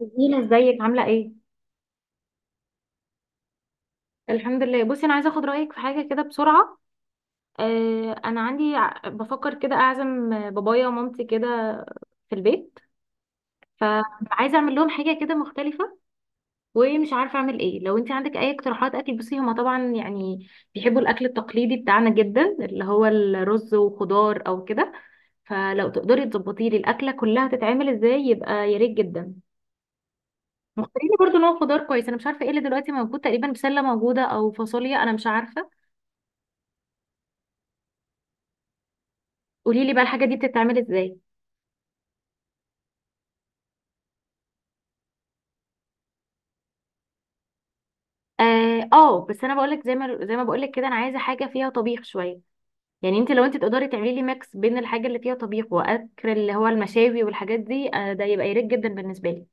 جميلة، ازيك؟ عاملة ايه؟ الحمد لله. بصي، انا عايزة اخد رأيك في حاجة كده بسرعة. انا عندي بفكر كده اعزم بابايا ومامتي كده في البيت. فعايزة اعمل لهم حاجة كده مختلفة. ومش عارفة اعمل ايه. لو انت عندك اي اقتراحات اكل. بصي، هما طبعا بيحبوا الاكل التقليدي بتاعنا جدا، اللي هو الرز وخضار او كده. فلو تقدري تظبطي لي الاكلة كلها تتعمل ازاي، يبقى يا ريت جدا. مختارين برضو نوع خضار كويس. انا مش عارفة ايه اللي دلوقتي موجود، تقريبا بسلة موجودة او فاصوليا، انا مش عارفة. قولي لي بقى الحاجه دي بتتعمل ازاي. اه. بس انا بقول لك، زي ما بقول لك كده، انا عايزه حاجه فيها طبيخ شويه. يعني لو انت تقدري تعملي لي ميكس بين الحاجه اللي فيها طبيخ واكل اللي هو المشاوي والحاجات دي، ده يبقى يريح جدا بالنسبه لي.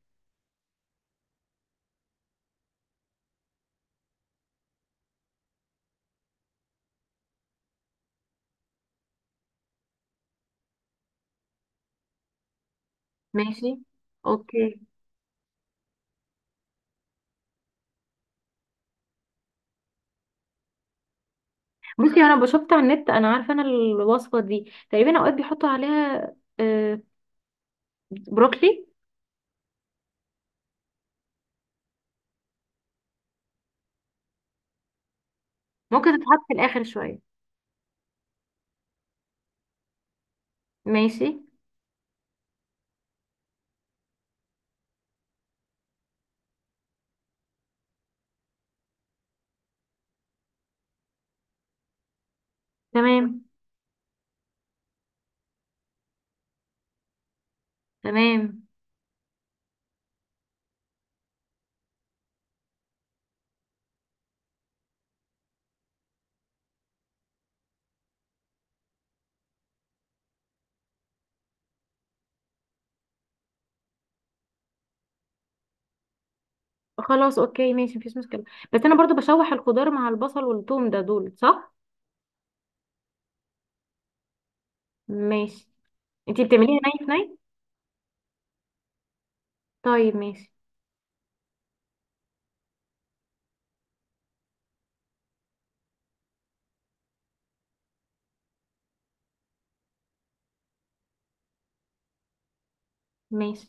ماشي. اوكي. بصي، انا شفتها من النت، انا عارفه انا الوصفه دي. تقريبا اوقات بيحطوا عليها آه بروكلي. ممكن تتحط في الاخر شويه. ماشي. تمام. تمام. خلاص اوكي ماشي، مفيش مشكله. بس انا برضو بشوح الخضار مع البصل والثوم ده، دول صح؟ ماشي. انتي بتعمليها ناي في ناي. طيب ماشي. ماشي.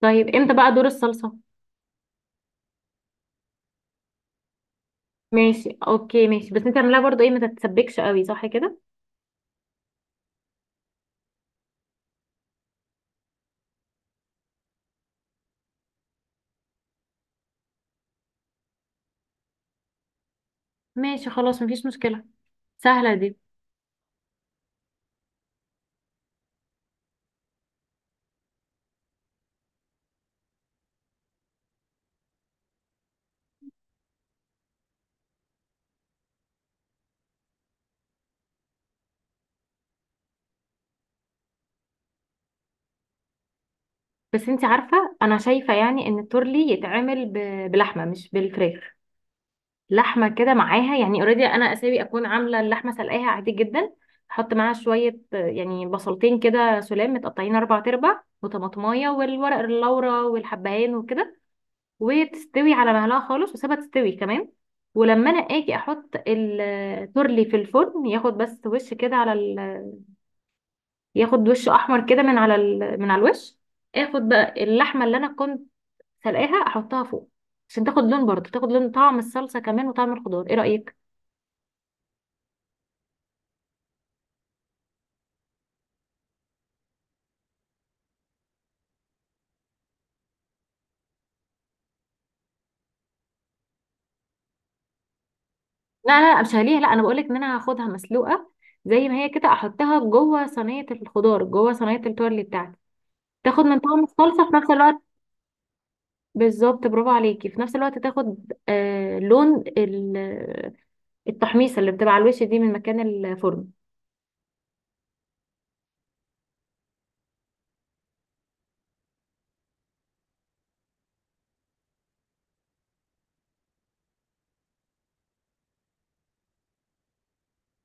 طيب، امتى بقى دور الصلصة؟ ماشي اوكي ماشي. بس انتي اعمليها برضو ايه، ما تتسبكش قوي، صح كده؟ ماشي خلاص، مفيش مشكلة، سهلة دي. بس انتي عارفة، انا شايفة يعني ان التورلي يتعمل بلحمة، مش بالفراخ. لحمة كده معاها يعني، اوريدي انا اساوي اكون عاملة اللحمة، سلقاها عادي جدا. احط معاها شوية، يعني بصلتين كده سلام متقطعين اربع تربع، وطماطمايه، والورق اللورا، والحبهان، وكده. وتستوي على مهلها خالص، وسيبها تستوي كمان. ولما انا اجي احط التورلي في الفرن، ياخد بس وش كده على ياخد وش احمر كده من على من على الوش. اخد بقى اللحمه اللي انا كنت سلقاها، احطها فوق عشان تاخد لون، برضه تاخد لون طعم الصلصه كمان وطعم الخضار. ايه رايك؟ لا، مش هليها. لا انا بقولك ان انا هاخدها مسلوقه زي ما هي كده، احطها جوه صينيه الخضار، جوه صينيه التورلي بتاعتي. تاخد من طعم الصلصه في نفس الوقت. بالظبط، برافو عليكي. في نفس الوقت تاخد لون التحميصه اللي بتبقى على الوش دي من مكان الفرن.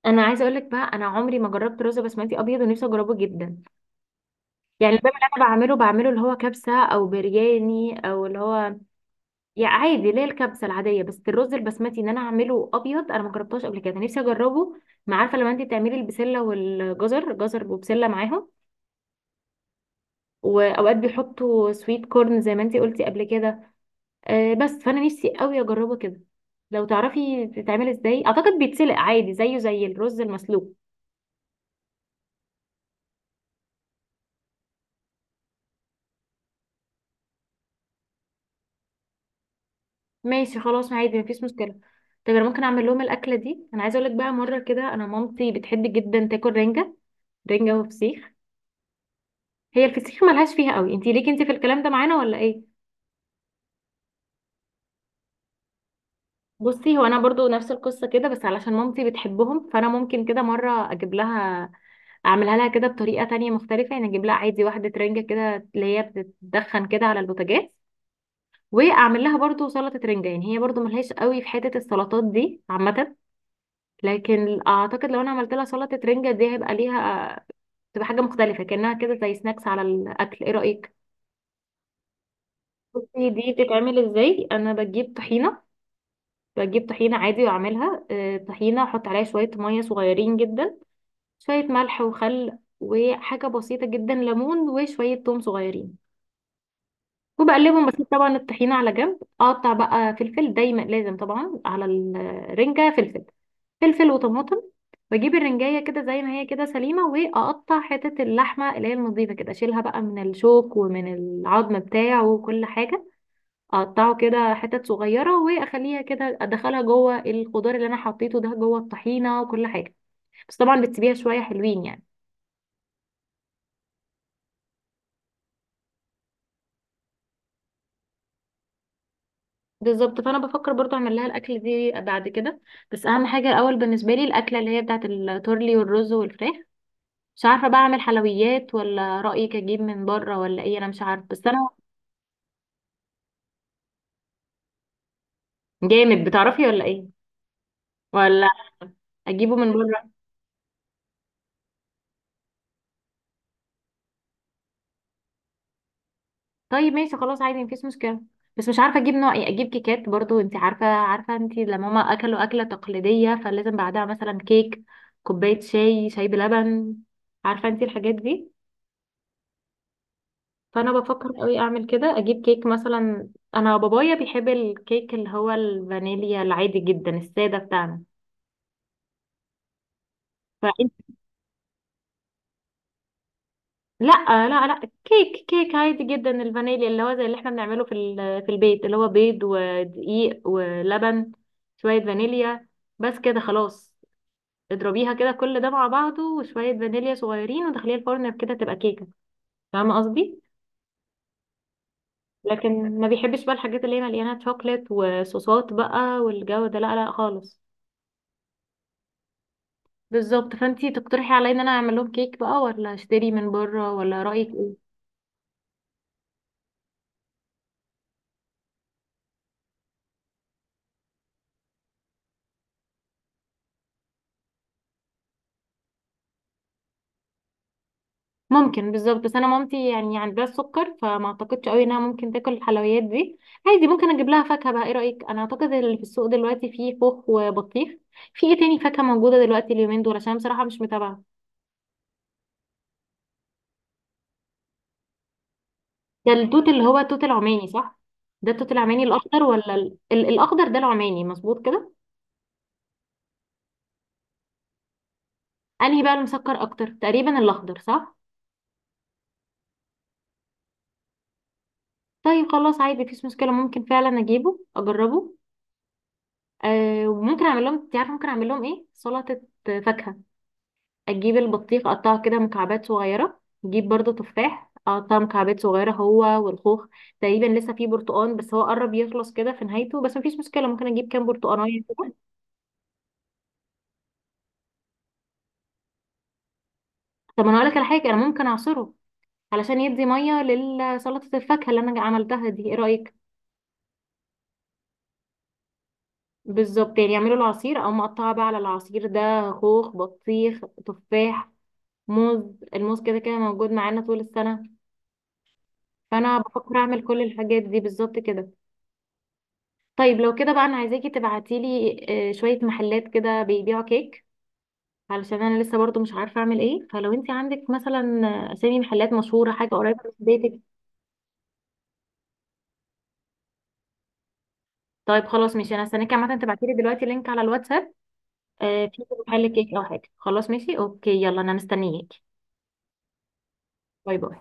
انا عايزه اقول لك بقى، انا عمري ما جربت رز بسمتي ابيض ونفسي اجربه جدا. يعني الباب اللي انا بعمله بعمله اللي هو كبسه او برياني او اللي هو، يعني عادي، اللي هي الكبسه العاديه. بس الرز البسمتي ان انا اعمله ابيض، انا ما جربتهاش قبل كده، نفسي اجربه. ما عارفه، لما انت بتعملي البسله والجزر، جزر وبسله معاهم، واوقات بيحطوا سويت كورن زي ما انت قلتي قبل كده. بس فانا نفسي قوي اجربه كده. لو تعرفي بتتعمل ازاي. اعتقد بيتسلق عادي زيه زي الرز المسلوق. ماشي خلاص عادي، مفيش مشكله. طب انا ممكن اعمل لهم الاكله دي. انا عايزه اقول لك بقى، مره كده، انا مامتي بتحب جدا تاكل رنجه. رنجه وفسيخ. هي الفسيخ ملهاش فيها قوي. انتي ليكي انتي في الكلام ده معانا ولا ايه؟ بصي، هو انا برضو نفس القصه كده، بس علشان مامتي بتحبهم، فانا ممكن كده مره اجيب لها، اعملها لها كده بطريقه تانية مختلفه. يعني اجيب لها عادي واحده رنجه كده اللي هي بتتدخن كده على البوتاجاز، واعمل لها برضو سلطه رنجه. يعني هي برضو ملهاش قوي في حته السلطات دي عامه، لكن اعتقد لو انا عملت لها سلطه رنجه دي، هيبقى ليها، تبقى حاجه مختلفه كانها كده زي سناكس على الاكل. ايه رايك؟ بصي، دي بتتعمل ازاي. انا بجيب طحينه، بجيب طحينه عادي واعملها طحينه. احط عليها شويه ميه صغيرين جدا، شويه ملح وخل وحاجه بسيطه جدا، ليمون وشويه توم صغيرين، وبقلبهم. بسيب طبعا الطحينة على جنب، اقطع بقى فلفل. دايما لازم طبعا على الرنجة فلفل، فلفل وطماطم. بجيب الرنجاية كده زي ما هي كده سليمة، واقطع حتة اللحمة اللي هي النظيفة كده، اشيلها بقى من الشوك ومن العظم بتاعه وكل حاجة، اقطعه كده حتت صغيرة، واخليها كده، ادخلها جوه الخضار اللي انا حطيته ده، جوه الطحينة وكل حاجة. بس طبعا بتسيبيها شوية حلوين يعني. بالظبط، فانا بفكر برضو اعمل لها الاكل دي بعد كده. بس اهم حاجه الاول بالنسبه لي الاكله اللي هي بتاعه التورلي والرز والفراخ. مش عارفه بقى اعمل حلويات ولا رايك اجيب من بره ولا ايه، انا مش عارفه. بس انا، جامد، بتعرفي ولا ايه، ولا اجيبه من بره؟ طيب ماشي، خلاص عادي، مفيش مشكله. بس مش عارفه اجيب نوع ايه. اجيب كيكات برضو، انت عارفه، عارفه انت لما هما اكلوا اكله تقليديه، فلازم بعدها مثلا كيك، كوبايه شاي، شاي بلبن، عارفه انت الحاجات دي. فانا بفكر قوي اعمل كده، اجيب كيك مثلا. انا بابايا بيحب الكيك اللي هو الفانيليا العادي جدا الساده بتاعنا. فانت، لا لا، كيك عادي جدا، الفانيليا اللي هو زي اللي احنا بنعمله في في البيت، اللي هو بيض ودقيق ولبن، شويه فانيليا، بس كده خلاص. اضربيها كده كل ده مع بعضه، وشويه فانيليا صغيرين، ودخليها الفرن كده، تبقى كيكه. فاهمه قصدي. لكن ما بيحبش بقى الحاجات اللي هي مليانه شوكليت وصوصات بقى والجو ده، لا لا خالص. بالظبط، فانتي تقترحي عليا ان انا اعمل لهم كيك بقى ولا اشتري من بره، ولا رايك ايه؟ ممكن، بالظبط. بس انا مامتي يعني عندها السكر، فما اعتقدش قوي انها ممكن تاكل الحلويات دي. عادي، ممكن اجيب لها فاكهه بقى. ايه رايك؟ انا اعتقد اللي في السوق دلوقتي فيه خوخ وبطيخ. في ايه تاني فاكهه موجوده دلوقتي اليومين دول، عشان بصراحه مش متابعه. ده التوت اللي هو التوت العماني، صح؟ ده التوت العماني الاخضر، ولا الاخضر ده العماني، مظبوط كده؟ انهي بقى المسكر اكتر، تقريبا الاخضر، صح؟ طيب خلاص عادي، مفيش مشكله، ممكن فعلا اجيبه اجربه. أه، وممكن اعمل لهم، انت عارفه ممكن اعمل لهم ايه، سلطه فاكهه. اجيب البطيخ اقطعه كده مكعبات صغيره، اجيب برضو تفاح اقطعه مكعبات صغيره هو والخوخ. تقريبا لسه فيه برتقان بس هو قرب يخلص كده في نهايته، بس مفيش مشكله، ممكن اجيب كام برتقانيه كده. طب انا هقول لك على حاجه، انا ممكن اعصره علشان يدي ميه لسلطه الفاكهه اللي انا عملتها دي. ايه رايك؟ بالظبط، يعني يعملوا العصير او مقطعه بقى على العصير ده، خوخ، بطيخ، تفاح، موز. الموز كده كده موجود معانا طول السنه. فانا بفكر اعمل كل الحاجات دي بالظبط كده. طيب، لو كده بقى انا عايزاكي تبعتيلي شوية محلات كده بيبيعوا كيك، علشان انا لسه برضو مش عارفة اعمل ايه. فلو انت عندك مثلا اسامي محلات مشهورة، حاجة قريبة من بيتك. طيب خلاص ماشي، انا هستناكي عامة تبعتيلي دلوقتي لينك على الواتساب في محل كيك او حاجة. خلاص ماشي، اوكي، يلا، انا مستنياكي. باي باي.